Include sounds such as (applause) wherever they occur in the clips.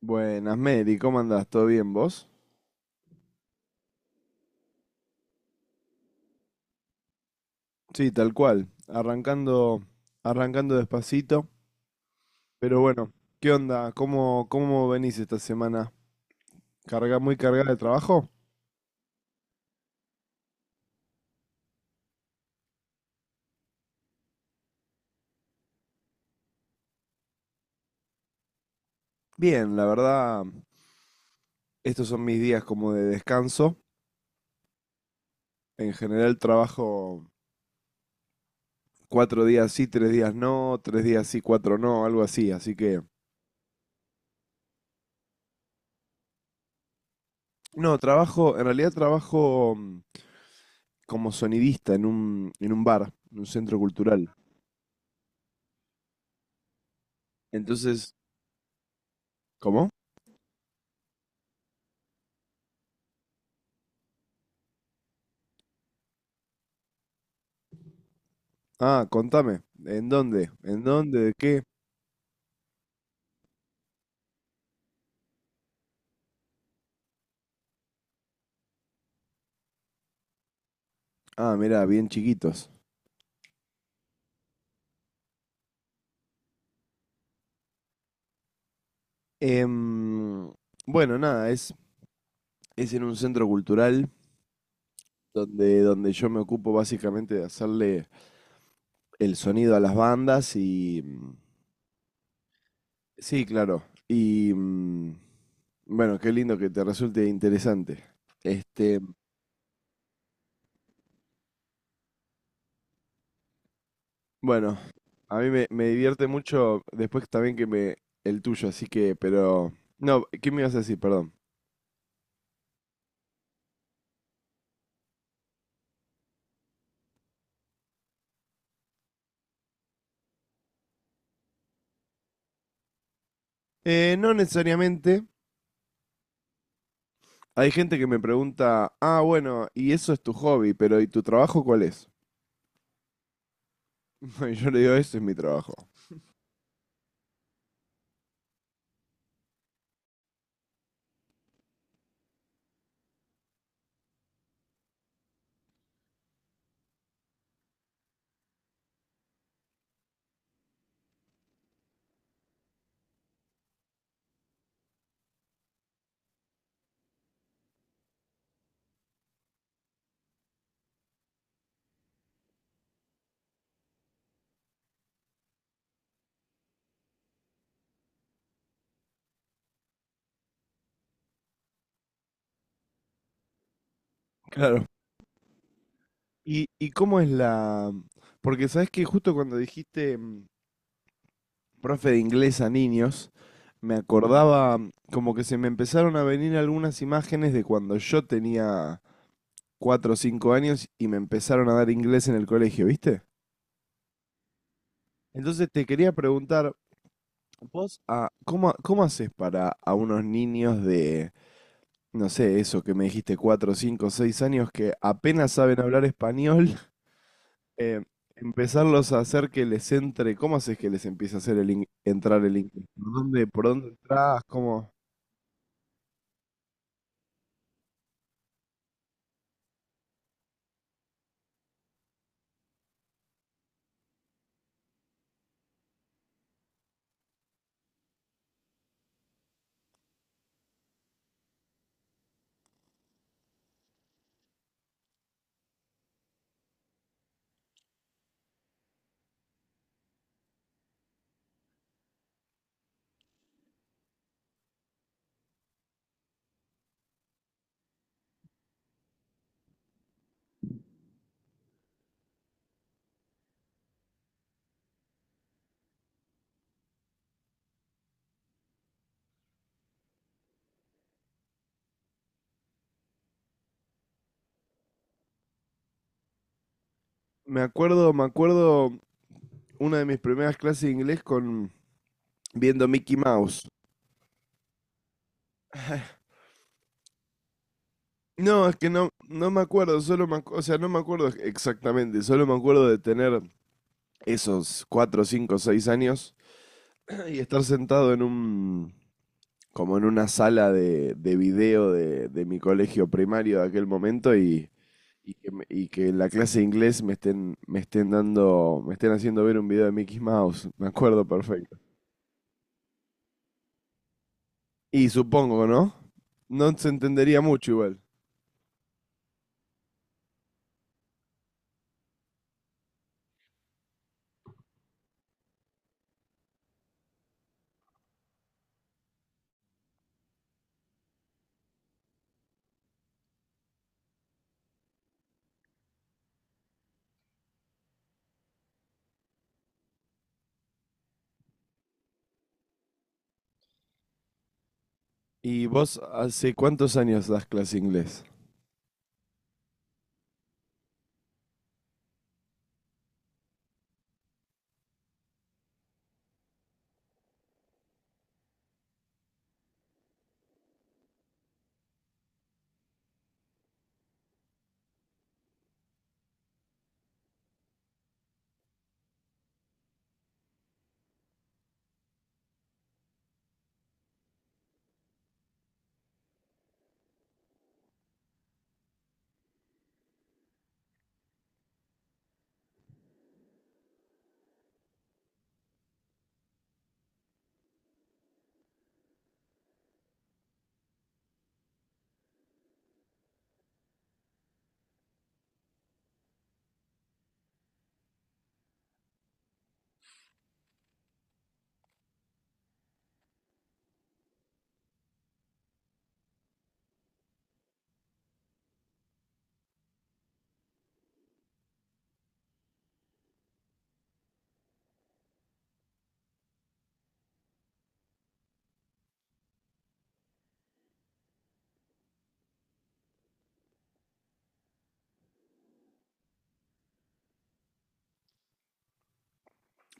Buenas, Mary, ¿cómo andás? ¿Todo bien vos? Sí, tal cual. Arrancando, arrancando despacito. Pero bueno, ¿qué onda? ¿Cómo venís esta semana? ¿Carga muy cargada de trabajo? Bien, la verdad, estos son mis días como de descanso. En general trabajo 4 días sí, 3 días no, 3 días sí, cuatro no, algo así. Así que, no, en realidad trabajo como sonidista en un bar, en un centro cultural. Entonces, ¿cómo? Ah, contame. ¿En dónde? ¿En dónde? ¿De qué? Ah, mirá, bien chiquitos. Em, bueno, nada, es en un centro cultural donde yo me ocupo básicamente de hacerle el sonido a las bandas. Sí, claro. Y... mm, Bueno, qué lindo que te resulte interesante. Este, bueno, a mí me divierte mucho después también que me... el tuyo, así que, pero... No, ¿qué me ibas a decir? Perdón. No necesariamente. Hay gente que me pregunta, ah, bueno, ¿y eso es tu hobby? Pero ¿y tu trabajo cuál es? (laughs) Y yo le digo, ese es mi trabajo. Claro. ¿Y cómo es la...? Porque sabes que justo cuando dijiste profe de inglés a niños, me acordaba como que se me empezaron a venir algunas imágenes de cuando yo tenía 4 o 5 años y me empezaron a dar inglés en el colegio, ¿viste? Entonces te quería preguntar, vos, ah, ¿cómo haces para a unos niños de no sé, eso que me dijiste, 4, 5, 6 años, que apenas saben hablar español, (laughs) eh, empezarlos a hacer que les entre, ¿cómo haces que les empiece a hacer el entrar el inglés? ¿Por dónde entras? ¿Cómo? Me acuerdo una de mis primeras clases de inglés con viendo Mickey Mouse. No, es que no me acuerdo, solo o sea, no me acuerdo exactamente, solo me acuerdo de tener esos 4, 5, 6 años (clears throat) y estar sentado en un como en una sala de video de mi colegio primario de aquel momento y que en la clase de inglés me estén haciendo ver un video de Mickey Mouse. (laughs) Me acuerdo perfecto. Y supongo, ¿no? No se entendería mucho igual. ¿Y vos hace cuántos años das clase de inglés?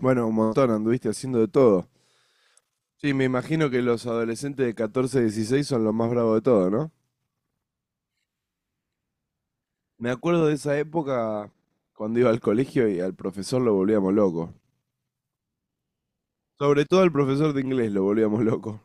Bueno, un montón, anduviste haciendo de todo. Sí, me imagino que los adolescentes de 14 16 son los más bravos de todo, ¿no? Me acuerdo de esa época cuando iba al colegio y al profesor lo volvíamos loco. Sobre todo el profesor de inglés lo volvíamos loco.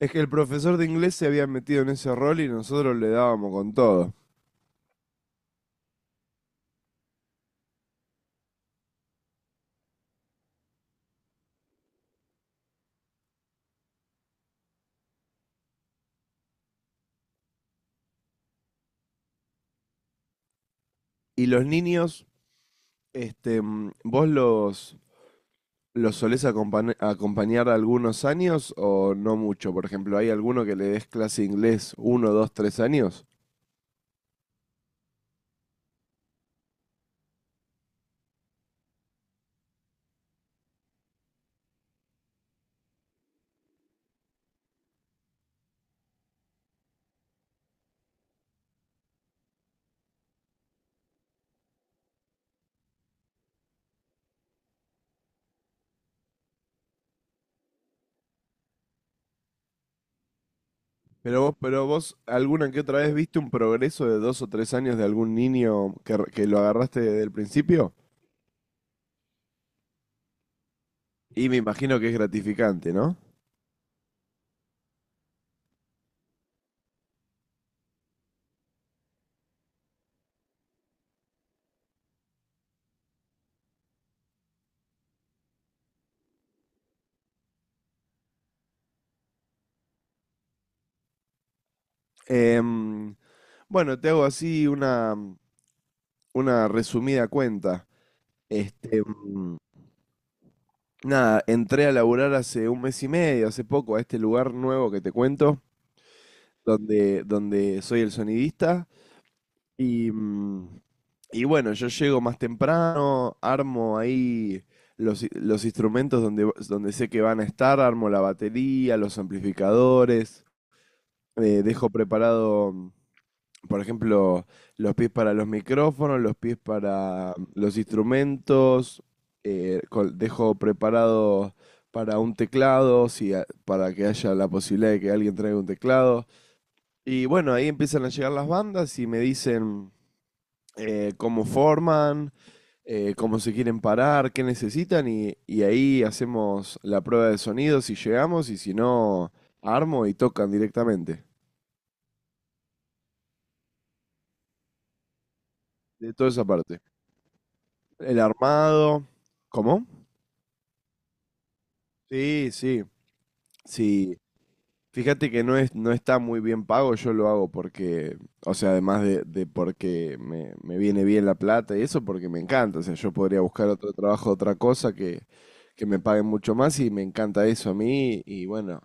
Es que el profesor de inglés se había metido en ese rol y nosotros le dábamos con todo. Y los niños, este, ¿vos los solés acompañar algunos años o no mucho? Por ejemplo, ¿hay alguno que le des clase de inglés 1, 2, 3 años? Pero vos alguna que otra vez viste un progreso de 2 o 3 años de algún niño que lo agarraste desde el principio? Y me imagino que es gratificante, ¿no? Em, bueno, te hago así una resumida cuenta. Este, nada, entré a laburar hace un mes y medio, hace poco, a este lugar nuevo que te cuento, donde soy el sonidista. Y, mm, y bueno, yo llego más temprano, armo ahí los instrumentos donde sé que van a estar, armo la batería, los amplificadores, dejo preparado por ejemplo, los pies para los micrófonos, los pies para los instrumentos, dejo preparado para un teclado, si a- para que haya la posibilidad de que alguien traiga un teclado. Y bueno, ahí empiezan a llegar las bandas y me dicen cómo forman, cómo se quieren parar, qué necesitan y ahí hacemos la prueba de sonido si llegamos y si no, armo y tocan directamente. De toda esa parte. El armado. ¿Cómo? Sí, sí, sí. Fíjate que no es, no está muy bien pago, yo lo hago porque, o sea, además de porque me viene bien la plata y eso, porque me encanta. O sea, yo podría buscar otro trabajo, otra cosa que me paguen mucho más y me encanta eso a mí. Y bueno,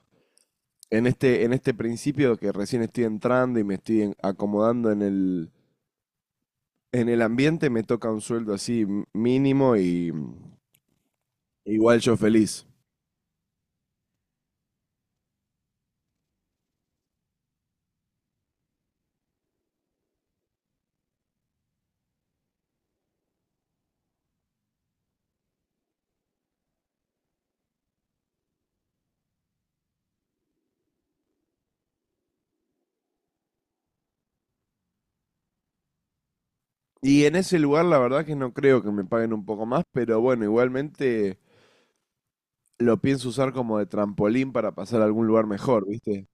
en este principio que recién estoy entrando y me estoy acomodando en el ambiente, me toca un sueldo así mínimo y igual yo feliz. Y en ese lugar la verdad que no creo que me paguen un poco más, pero bueno, igualmente lo pienso usar como de trampolín para pasar a algún lugar mejor, ¿viste?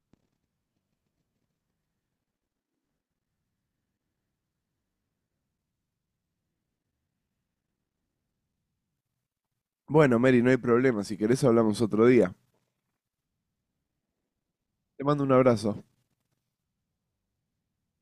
Bueno, Mary, no hay problema, si querés hablamos otro día. Te mando un abrazo.